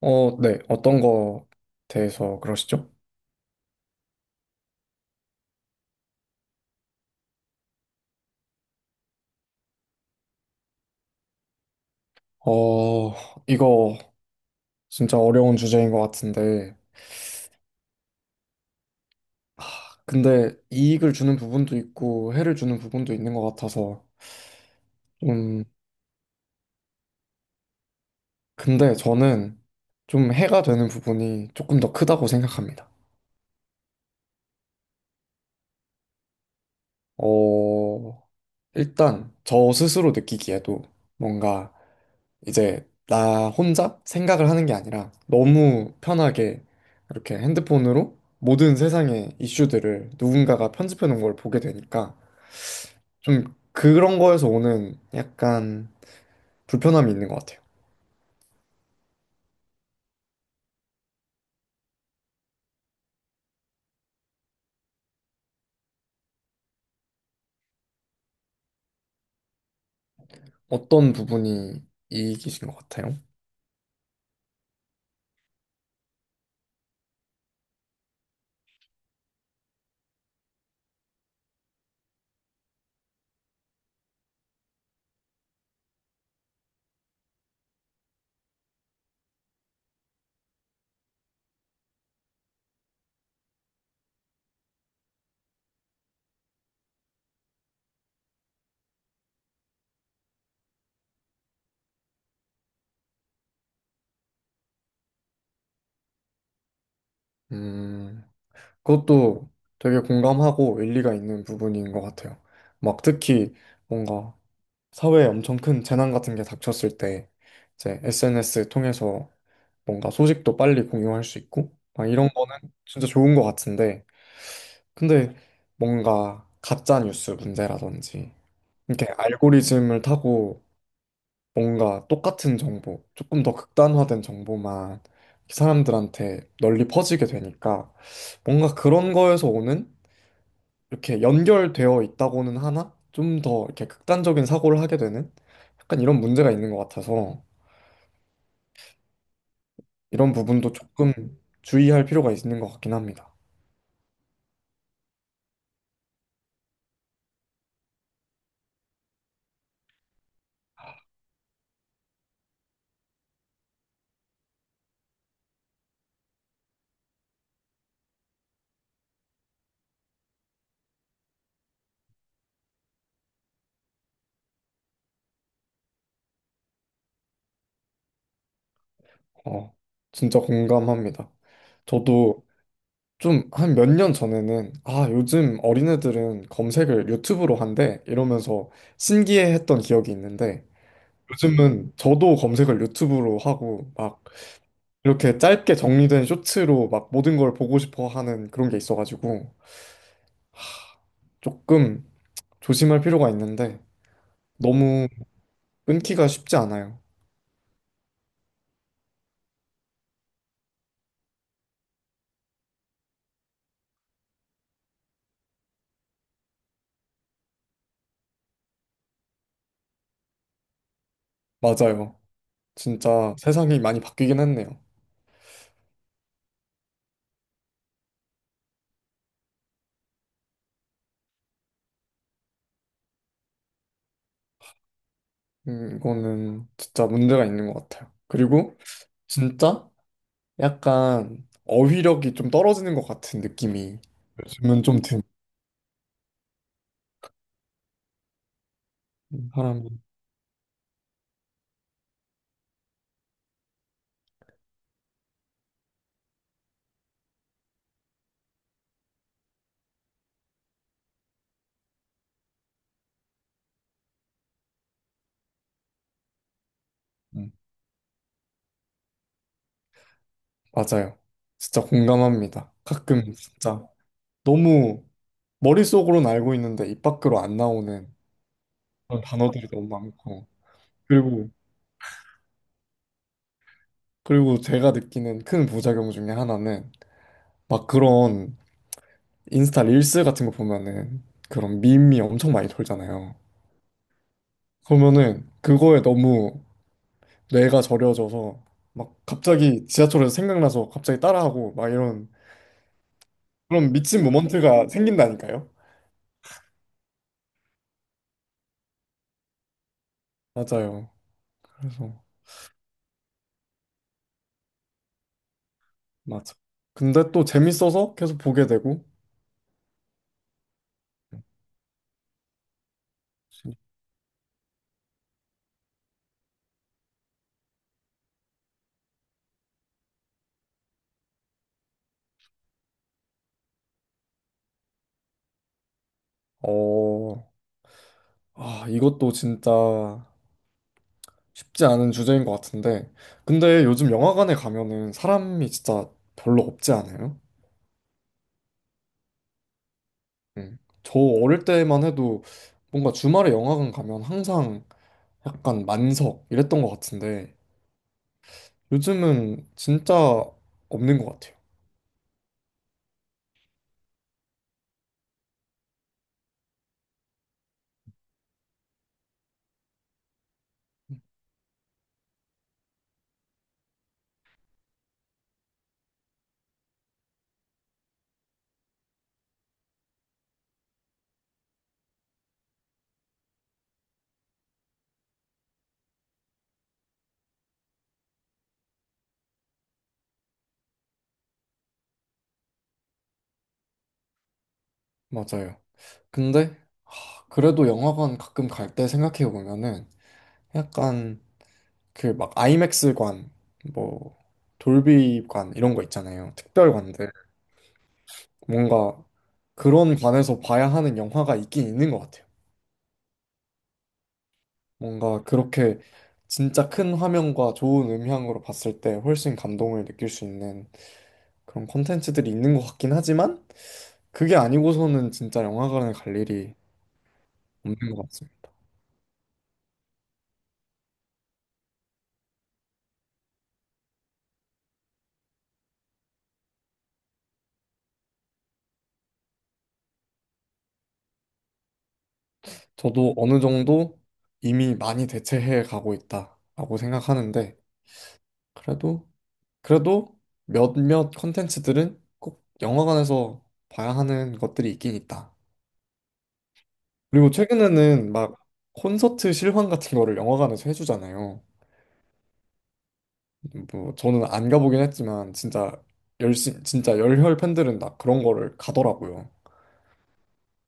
어, 네. 어떤 거 대해서 그러시죠? 어, 이거 진짜 어려운 주제인 것 같은데. 아, 근데 이익을 주는 부분도 있고 해를 주는 부분도 있는 것 같아서. 음, 근데 저는 좀 해가 되는 부분이 조금 더 크다고 생각합니다. 어, 일단 저 스스로 느끼기에도 뭔가 이제 나 혼자 생각을 하는 게 아니라 너무 편하게 이렇게 핸드폰으로 모든 세상의 이슈들을 누군가가 편집해 놓은 걸 보게 되니까 좀 그런 거에서 오는 약간 불편함이 있는 것 같아요. 어떤 부분이 이익이신 것 같아요? 음, 그것도 되게 공감하고 일리가 있는 부분인 것 같아요. 막 특히 뭔가 사회에 엄청 큰 재난 같은 게 닥쳤을 때 이제 SNS 통해서 뭔가 소식도 빨리 공유할 수 있고 막 이런 거는 진짜 좋은 것 같은데 근데 뭔가 가짜 뉴스 문제라든지 이렇게 알고리즘을 타고 뭔가 똑같은 정보, 조금 더 극단화된 정보만 사람들한테 널리 퍼지게 되니까 뭔가 그런 거에서 오는 이렇게 연결되어 있다고는 하나 좀 더 이렇게 극단적인 사고를 하게 되는 약간 이런 문제가 있는 것 같아서 이런 부분도 조금 주의할 필요가 있는 것 같긴 합니다. 어, 진짜 공감합니다. 저도 좀 한 몇 년 전에는 아, 요즘 어린애들은 검색을 유튜브로 한대 이러면서 신기해했던 기억이 있는데 요즘은 저도 검색을 유튜브로 하고 막 이렇게 짧게 정리된 쇼츠로 막 모든 걸 보고 싶어 하는 그런 게 있어가지고 조금 조심할 필요가 있는데 너무 끊기가 쉽지 않아요. 맞아요. 진짜 세상이 많이 바뀌긴 했네요. 이거는 진짜 문제가 있는 것 같아요. 그리고 진짜? 약간 어휘력이 좀 떨어지는 것 같은 느낌이 요즘은 좀 드는 사람이. 음, 맞아요. 진짜 공감합니다. 가끔 진짜 너무 머릿속으로는 알고 있는데 입 밖으로 안 나오는 그런 단어들이 너무 많고. 그리고, 그리고 제가 느끼는 큰 부작용 중에 하나는 막 그런 인스타 릴스 같은 거 보면은 그런 밈이 엄청 많이 돌잖아요. 그러면은 그거에 너무 뇌가 저려져서 막 갑자기 지하철에서 생각나서 갑자기 따라하고 막 이런 그런 미친 모먼트가 생긴다니까요. 맞아요. 그래서 맞아. 근데 또 재밌어서 계속 보게 되고. 어, 아, 이것도 진짜 쉽지 않은 주제인 것 같은데. 근데 요즘 영화관에 가면은 사람이 진짜 별로 없지 않아요? 응. 저 어릴 때만 해도 뭔가 주말에 영화관 가면 항상 약간 만석 이랬던 것 같은데 요즘은 진짜 없는 것 같아요. 맞아요. 근데 하, 그래도 영화관 가끔 갈 때 생각해 보면은 약간 그 막 아이맥스관, 뭐 돌비관 이런 거 있잖아요. 특별관들. 뭔가 그런 관에서 봐야 하는 영화가 있긴 있는 것 같아요. 뭔가 그렇게 진짜 큰 화면과 좋은 음향으로 봤을 때 훨씬 감동을 느낄 수 있는 그런 콘텐츠들이 있는 것 같긴 하지만 그게 아니고서는 진짜 영화관에 갈 일이 없는 것 같습니다. 저도 어느 정도 이미 많이 대체해 가고 있다라고 생각하는데 그래도 그래도 몇몇 컨텐츠들은 꼭 영화관에서 봐야 하는 것들이 있긴 있다. 그리고 최근에는 막 콘서트 실황 같은 거를 영화관에서 해주잖아요. 뭐 저는 안 가보긴 했지만 진짜 열심 진짜 열혈 팬들은 다 그런 거를 가더라고요.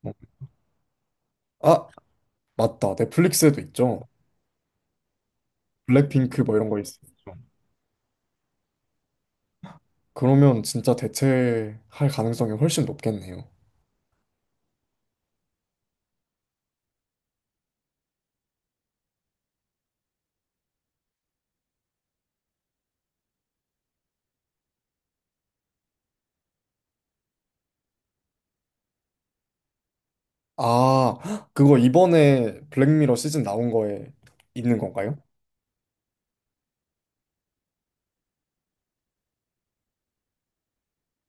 뭐, 아 맞다 넷플릭스에도 있죠. 블랙핑크 뭐 이런 거 있어요. 그러면 진짜 대체할 가능성이 훨씬 높겠네요. 아, 헉, 그거 이번에 블랙미러 시즌 나온 거에 있는 건가요?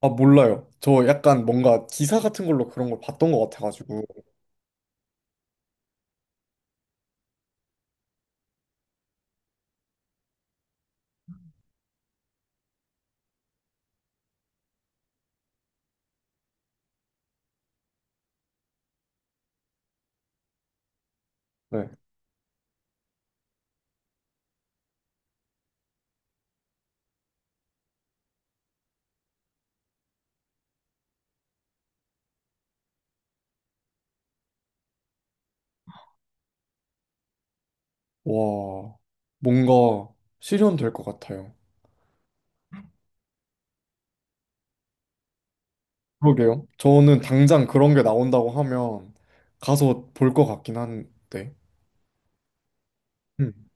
아, 몰라요. 저 약간 뭔가 기사 같은 걸로 그런 걸 봤던 것 같아가지고. 네. 와, 뭔가 실현될 것 같아요. 그러게요. 저는 당장 그런 게 나온다고 하면 가서 볼 것 같긴 한데. 음.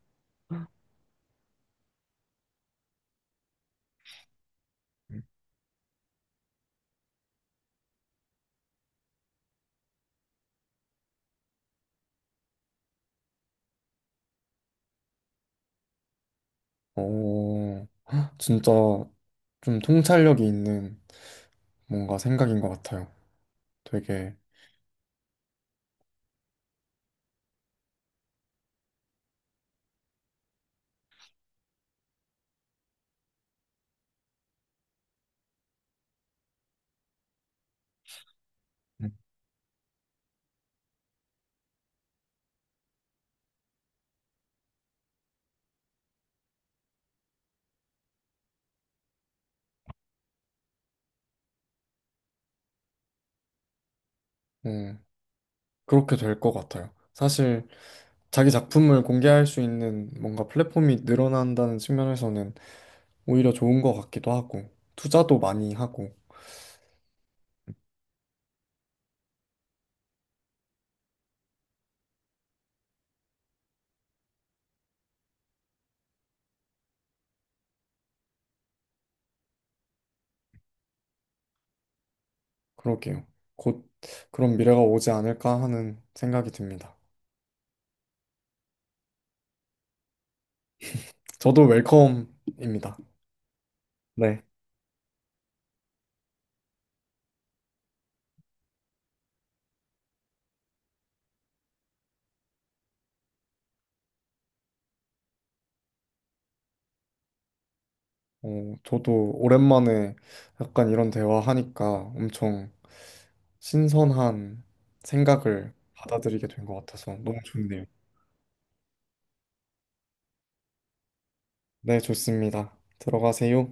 오 어, 진짜 좀 통찰력이 있는 뭔가 생각인 것 같아요. 되게. 음. 네, 그렇게 될 것 같아요. 사실 자기 작품을 공개할 수 있는 뭔가 플랫폼이 늘어난다는 측면에서는 오히려 좋은 것 같기도 하고, 투자도 많이 하고, 그러게요. 곧 그런 미래가 오지 않을까 하는 생각이 듭니다. 저도 웰컴입니다. 네. 어, 저도 오랜만에 약간 이런 대화하니까 엄청 신선한 생각을 받아들이게 된 것 같아서 너무 좋네요. 네, 좋습니다. 들어가세요.